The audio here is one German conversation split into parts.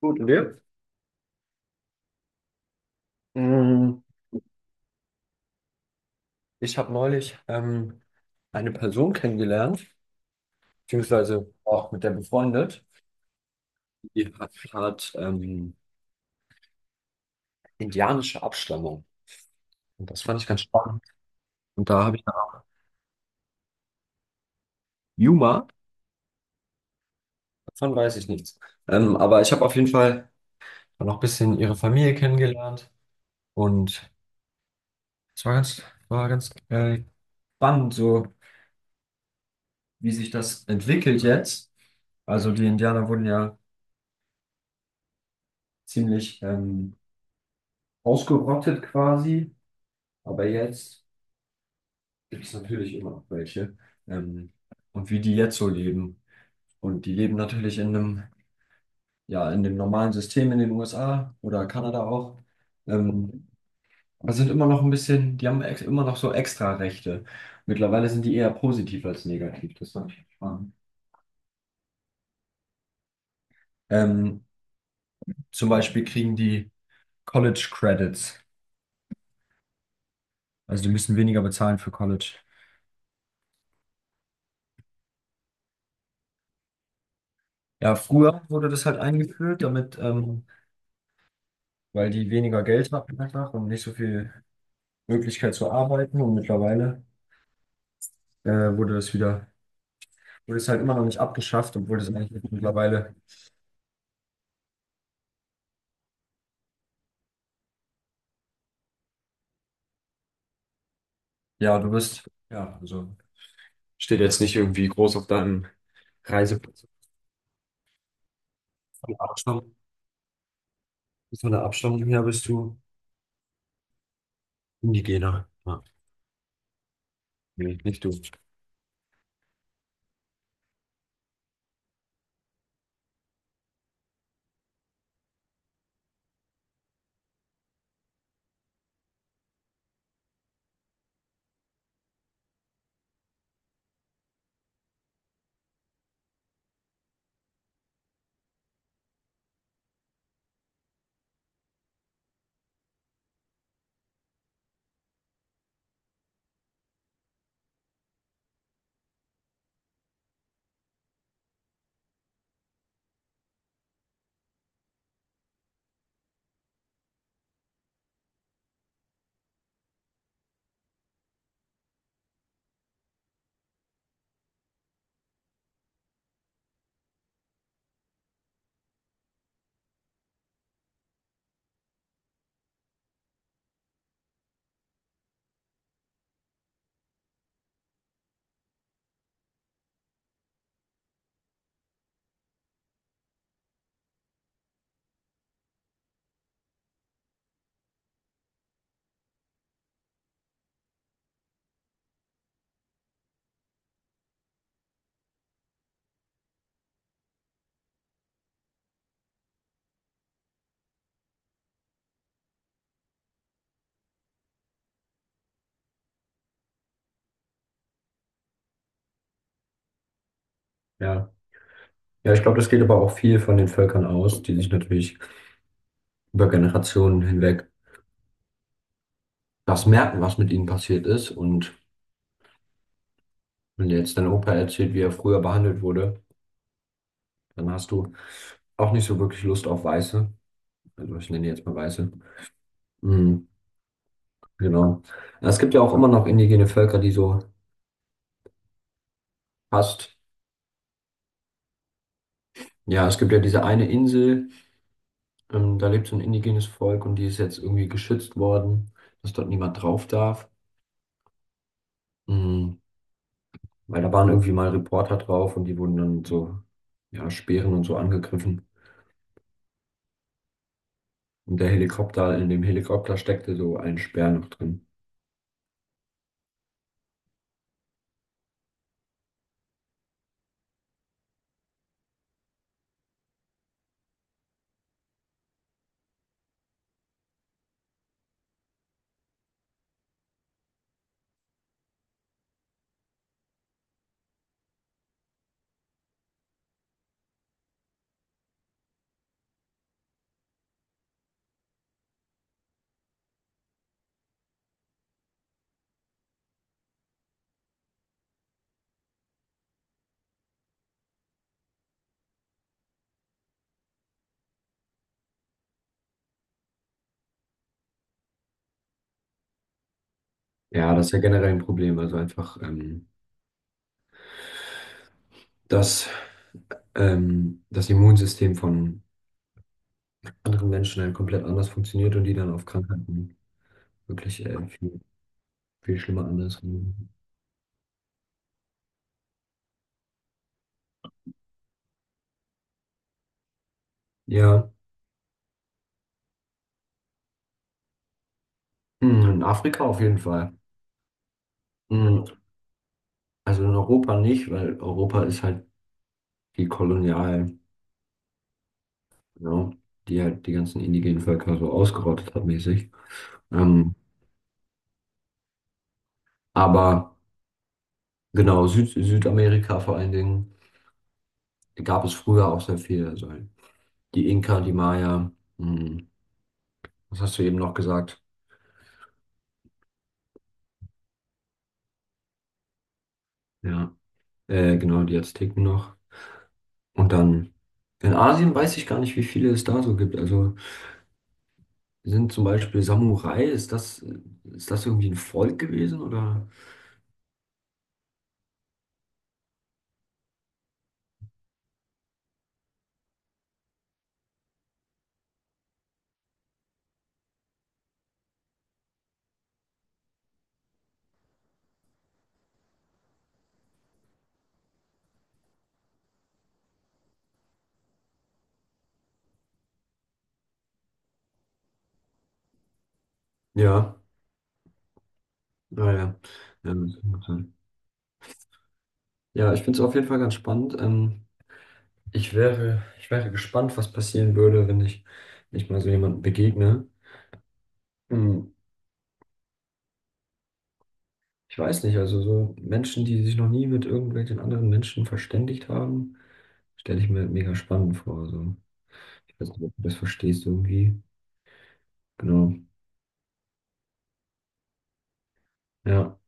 Gut, und dir? Mm. Ich habe neulich eine Person kennengelernt, beziehungsweise auch mit der befreundet. Die hat indianische Abstammung. Und das fand ich ganz spannend. Und da habe ich eine Art Yuma, davon weiß ich nichts. Aber ich habe auf jeden Fall noch ein bisschen ihre Familie kennengelernt. Und es war ganz spannend, so wie sich das entwickelt jetzt. Also die Indianer wurden ja ziemlich ausgerottet quasi. Aber jetzt gibt es natürlich immer noch welche. Ähm, und wie die jetzt so leben. Und die leben natürlich in einem, ja, in dem normalen System in den USA oder Kanada auch. Ähm, aber sind immer noch ein bisschen, die haben ex immer noch so extra Rechte. Mittlerweile sind die eher positiv als negativ. Das fand ich spannend. Ähm, Zum Beispiel kriegen die College Credits. Also die müssen weniger bezahlen für College. Ja, früher wurde das halt eingeführt, damit, weil die weniger Geld hatten einfach und nicht so viel Möglichkeit zu arbeiten, und mittlerweile äh, wurde das wieder, wurde es halt immer noch nicht abgeschafft, obwohl das eigentlich jetzt mittlerweile, ja, du bist, ja, also steht jetzt nicht irgendwie groß auf deinem Reiseplatz. Von der Abstammung, von der Abstammung her bist du Indigener. Ja. Nee, nicht du. Ja. Ja, ich glaube, das geht aber auch viel von den Völkern aus, die sich natürlich über Generationen hinweg das merken, was mit ihnen passiert ist. Und wenn dir jetzt dein Opa erzählt, wie er früher behandelt wurde, dann hast du auch nicht so wirklich Lust auf Weiße. Also ich nenne die jetzt mal Weiße. Mhm, genau. Ja, es gibt ja auch immer noch indigene Völker, die so fast. Ja, es gibt ja diese eine Insel, da lebt so ein indigenes Volk, und die ist jetzt irgendwie geschützt worden, dass dort niemand drauf darf. Mhm, weil da waren irgendwie mal Reporter drauf, und die wurden dann mit so, ja, Speeren und so angegriffen. Und der in dem Helikopter steckte so ein Speer noch drin. Ja, das ist ja generell ein Problem. Also einfach, dass das Immunsystem von anderen Menschen dann komplett anders funktioniert und die dann auf Krankheiten wirklich viel schlimmer anders reagieren. Ja, hm, in Afrika auf jeden Fall. Hm, also in Europa nicht, weil Europa ist halt die Kolonial, ja, die halt die ganzen indigenen Völker so ausgerottet hat mäßig. Ähm, aber genau, Südamerika vor allen Dingen, gab es früher auch sehr viel. Also die Inka, die Maya, hm, was hast du eben noch gesagt? Ja, genau, die Azteken noch. Und dann in Asien weiß ich gar nicht, wie viele es da so gibt. Also sind zum Beispiel Samurai, ist das irgendwie ein Volk gewesen oder? Ja, naja. Ja, ja, das kann sein. Ja, ich finde es auf jeden Fall ganz spannend. Ich wäre gespannt, was passieren würde, wenn ich, wenn ich mal so jemandem begegne. Hm, ich weiß nicht, also so Menschen, die sich noch nie mit irgendwelchen anderen Menschen verständigt haben, stelle ich mir mega spannend vor. So. Ich weiß nicht, ob du das verstehst irgendwie. Genau. Ja.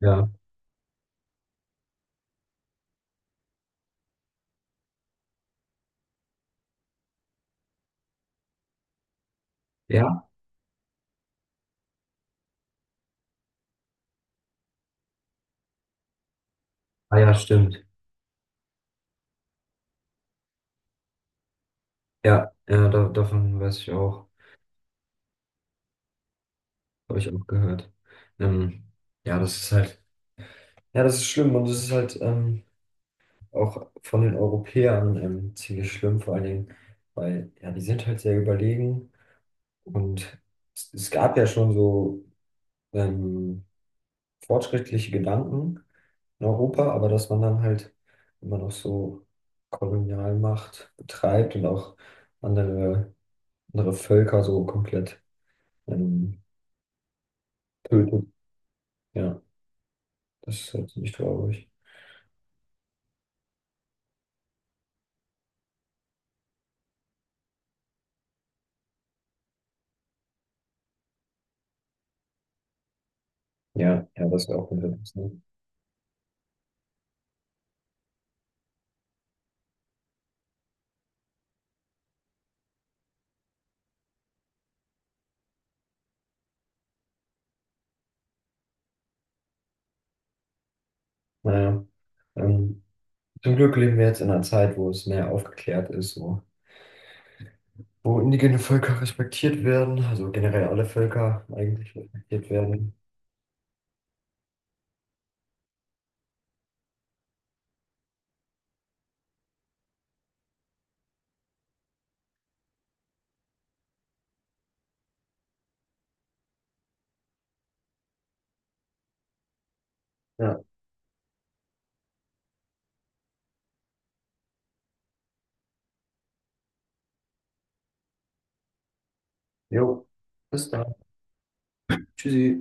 Ja. Ja. Ah ja, stimmt. Ja, ja, davon weiß ich auch. Habe ich auch gehört. Ähm, ja, das ist halt. Ja, das ist schlimm, und das ist halt auch von den Europäern ziemlich schlimm, vor allen Dingen, weil ja, die sind halt sehr überlegen, und es gab ja schon so ähm, fortschrittliche Gedanken in Europa, aber dass man dann halt immer noch so Kolonialmacht betreibt und auch andere, andere Völker so komplett ähm, tötet. Ja, das ist halt ziemlich traurig. Ja, ja, das wäre auch interessant. Naja, ähm, zum Glück leben wir jetzt in einer Zeit, wo es mehr aufgeklärt ist, wo indigene Völker respektiert werden, also generell alle Völker eigentlich respektiert werden. Ja, jo, bis dann. Tschüssi.